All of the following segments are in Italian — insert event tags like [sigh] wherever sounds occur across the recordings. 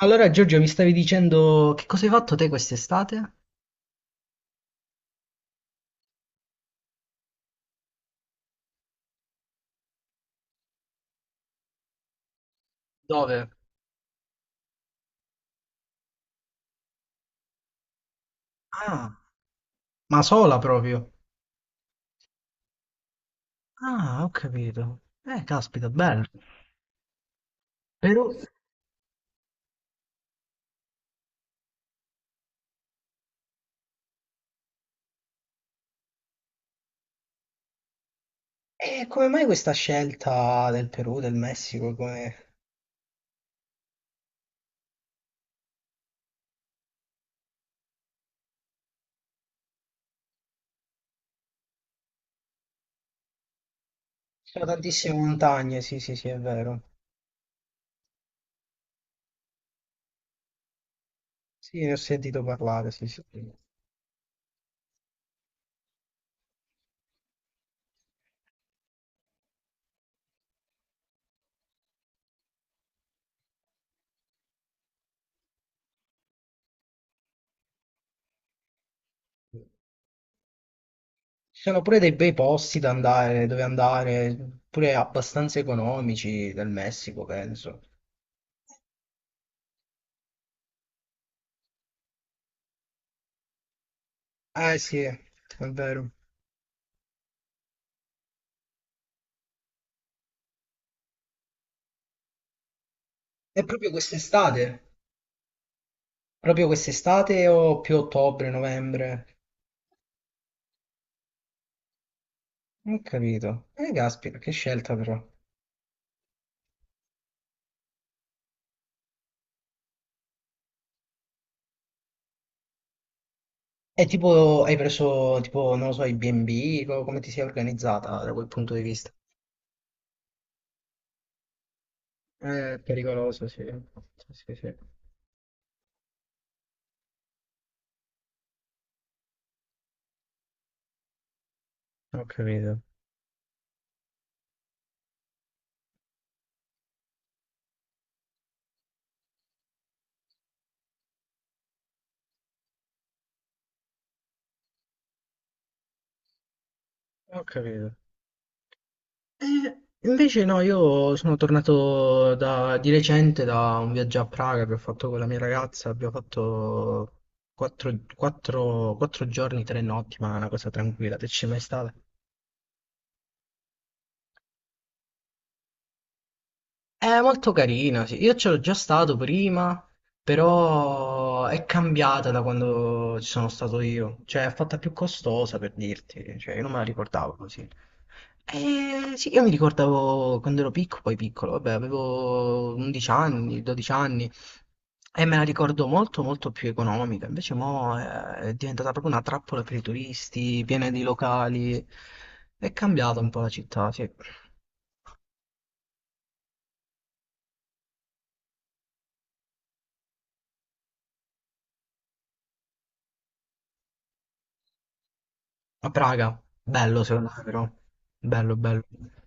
Allora, Giorgio, mi stavi dicendo che cosa hai fatto te quest'estate? Dove? Ah, ma sola proprio. Ah, ho capito. Caspita, bello. Perù. Come mai questa scelta del Perù, del Messico? Come... Ci sono tantissime montagne, sì, sì, sì, è vero. Sì, ne ho sentito parlare, sì, sì. Ci sono pure dei bei posti da andare, dove andare, pure abbastanza economici del Messico, penso. Sì, è vero. E proprio quest'estate? Proprio quest'estate o più ottobre, novembre? Non ho capito. Caspita, che scelta però. E tipo, hai preso, tipo, non lo so, i B&B, come ti sei organizzata da quel punto di vista? È pericoloso, sì. Sì, sì, sì. Ho capito, ho capito. Invece no, io sono tornato di recente da un viaggio a Praga che ho fatto con la mia ragazza, abbiamo fatto 4, giorni, 3 notti, ma una cosa tranquilla, te ci sei mai stata? È molto carina, sì. Io c'ero già stato prima, però è cambiata da quando ci sono stato io. Cioè, è fatta più costosa per dirti. Cioè, io non me la ricordavo così. Sì, io mi ricordavo quando ero piccolo, poi piccolo, vabbè, avevo 11 anni, 12 anni e me la ricordo molto molto più economica. Invece mo è diventata proprio una trappola per i turisti, piena di locali. È cambiata un po' la città, sì. A Praga, bello secondo me però, bello bello. E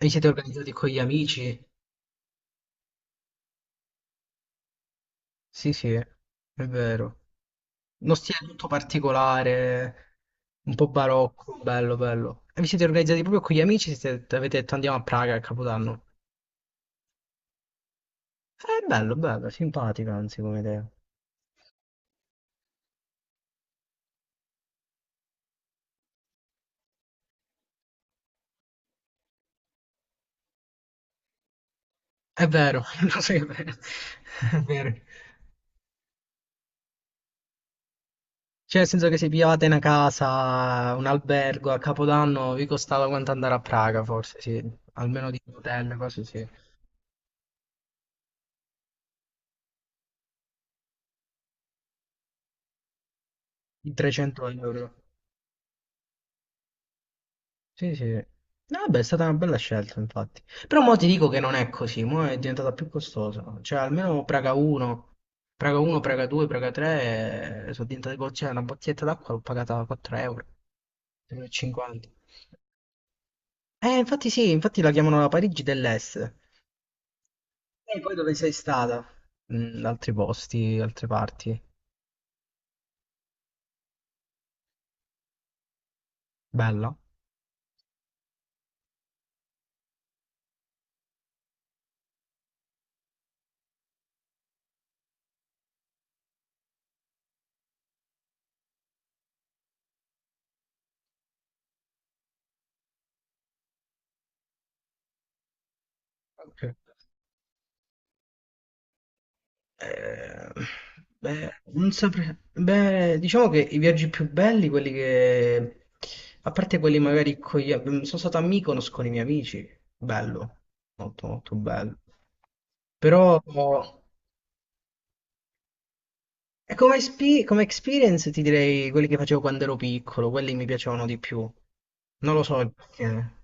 vi siete organizzati con gli amici? Sì sì, è vero. Uno stile tutto particolare, un po' barocco, bello bello. E vi siete organizzati proprio con gli amici? Siete, avete detto andiamo a Praga a Capodanno? Bello bello, simpatico anzi come idea. È vero, [laughs] lo so che è vero. [laughs] È vero. Cioè, nel senso che se pigliavate una casa, un albergo a Capodanno, vi costava quanto andare a Praga, forse, sì. Almeno di un hotel, cose sì. di 300 euro. Sì, sì. No, vabbè, è stata una bella scelta, infatti. Però mo ti dico che non è così, mo è diventata più costosa. Cioè, almeno Praga 1, Praga 2, Praga 3, sono diventate cioè, una bottiglietta d'acqua l'ho pagata 4 euro, 3,50. Infatti sì, infatti la chiamano la Parigi dell'Est. E poi dove sei stata? Mm, altri posti, altre parti. Bella. Ok. Eh, beh, non saprei. Beh, diciamo che i viaggi più belli, quelli che... A parte quelli magari con gli... Sono stato a Mykonos con i miei amici. Bello. Molto, molto bello. Però... Come experience ti direi quelli che facevo quando ero piccolo, quelli mi piacevano di più. Non lo so il perché.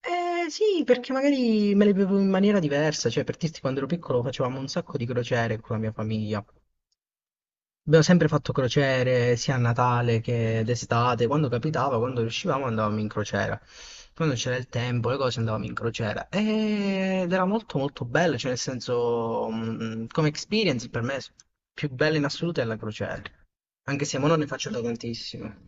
Eh sì, perché magari me le bevo in maniera diversa, cioè per dirti quando ero piccolo facevamo un sacco di crociere con la mia famiglia. Abbiamo sempre fatto crociere sia a Natale che d'estate, quando capitava, quando riuscivamo andavamo in crociera. Quando c'era il tempo, le cose andavamo in crociera ed era molto molto bello, cioè nel senso, come experience per me più bella in assoluto è la crociera, anche se mo non ne faccio da tantissimo.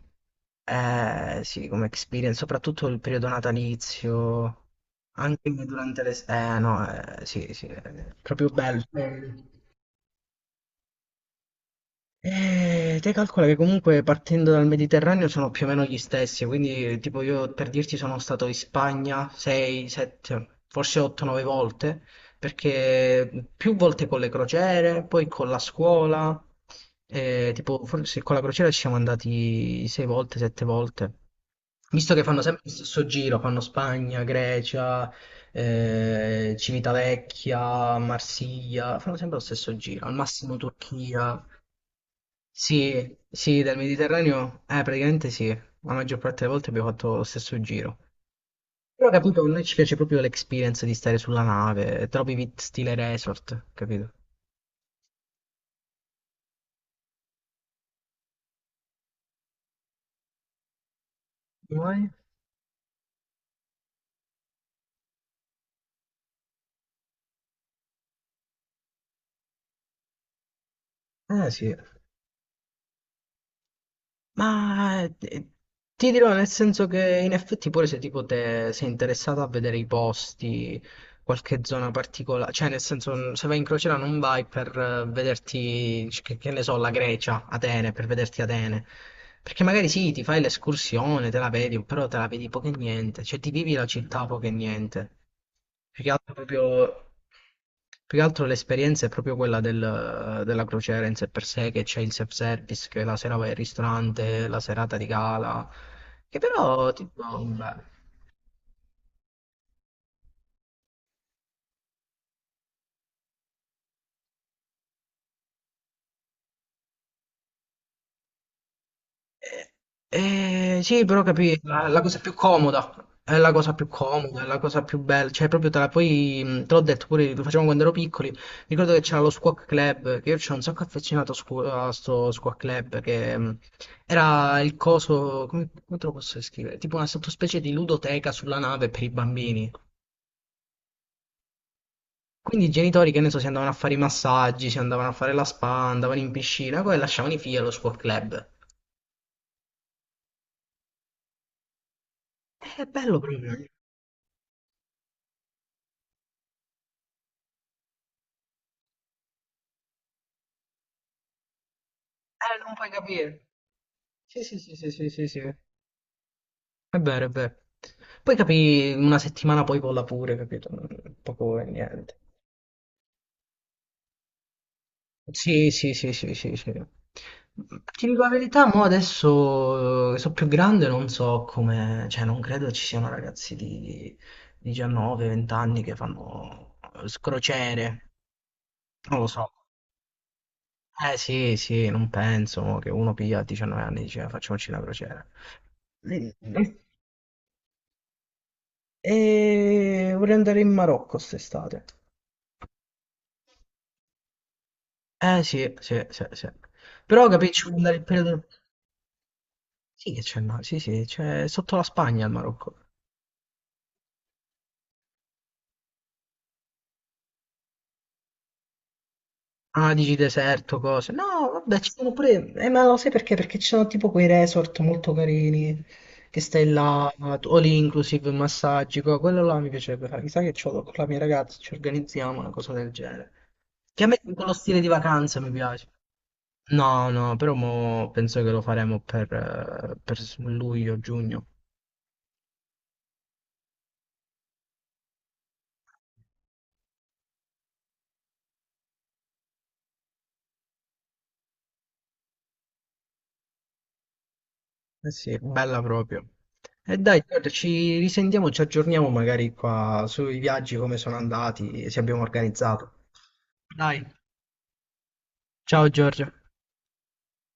Eh sì, come experience, soprattutto il periodo natalizio, anche durante le... Eh no, sì, sì, è proprio bello. Te calcola che comunque partendo dal Mediterraneo sono più o meno gli stessi, quindi tipo io per dirti sono stato in Spagna 6, 7, forse 8-9 volte, perché più volte con le crociere, poi con la scuola, tipo forse con la crociera ci siamo andati 6 volte, 7 volte. Visto che fanno sempre lo stesso giro, fanno Spagna, Grecia, Civitavecchia, Marsiglia, fanno sempre lo stesso giro, al massimo Turchia, sì, sì, dal Mediterraneo, praticamente sì, la maggior parte delle volte abbiamo fatto lo stesso giro. Però ho capito, a noi ci piace proprio l'experience di stare sulla nave, troppi vit stile resort, capito? Vuoi? Eh sì. Ma ti dirò nel senso che in effetti pure se tipo te sei interessato a vedere i posti, qualche zona particolare, cioè nel senso se vai in crociera non vai per vederti, che ne so, la Grecia, Atene, per vederti Atene, perché magari sì, ti fai l'escursione, te la vedi, però te la vedi poco e niente, cioè ti vivi la città poco e niente. Più che altro, proprio- più che altro l'esperienza è proprio quella della crociera in sé per sé, che c'è il self-service, che la sera vai al ristorante, la serata di gala, che però, tipo, beh. Sì, però capì, la cosa più comoda, è la cosa più comoda, è la cosa più bella, cioè proprio te la poi, te l'ho detto pure, lo facevamo quando ero piccoli, ricordo che c'era lo Squawk Club, che io c'ero un sacco affezionato a sto Squawk Club, che era il coso, come te lo posso descrivere? Tipo una sottospecie di ludoteca sulla nave per i bambini. Quindi i genitori, che ne so, si andavano a fare i massaggi, si andavano a fare la spa, andavano in piscina, poi lasciavano i figli allo Squawk Club. È bello proprio. Non puoi capire. Sì, sì, sì, sì, sì, sì, sì. È vero, è vero. Poi capì, una settimana poi vola pure, capito? Poco e niente. Sì, sì, sì, sì, sì, sì. Ti dico la verità, mo adesso sono più grande, non so come, cioè non credo ci siano ragazzi di 19, 20 anni che fanno crociere, non lo so. Eh sì, sì, non penso mo, che uno piglia a 19 anni e dice "Ah, facciamoci una crociera. Mm. E vorrei andare in Marocco quest'estate. Eh sì, sì, sì, sì. Però capì, ci vuole andare il periodo... Sì che c'è il mare, sì sì, c'è sotto la Spagna il Marocco. Ah, dici deserto, cose. No, vabbè, ci sono pure... ma lo sai perché? Perché ci sono tipo quei resort molto carini, che stai là, all inclusive, massaggi, quello là mi piacerebbe fare. Chissà che c'ho con la mia ragazza, ci organizziamo una cosa del genere. Che a me quello stile di vacanza mi piace. No, no, però mo penso che lo faremo per luglio, giugno. Eh sì, bella proprio. E dai, Giorgio, ci risentiamo, ci aggiorniamo magari qua sui viaggi, come sono andati, se abbiamo organizzato. Dai, ciao Giorgio.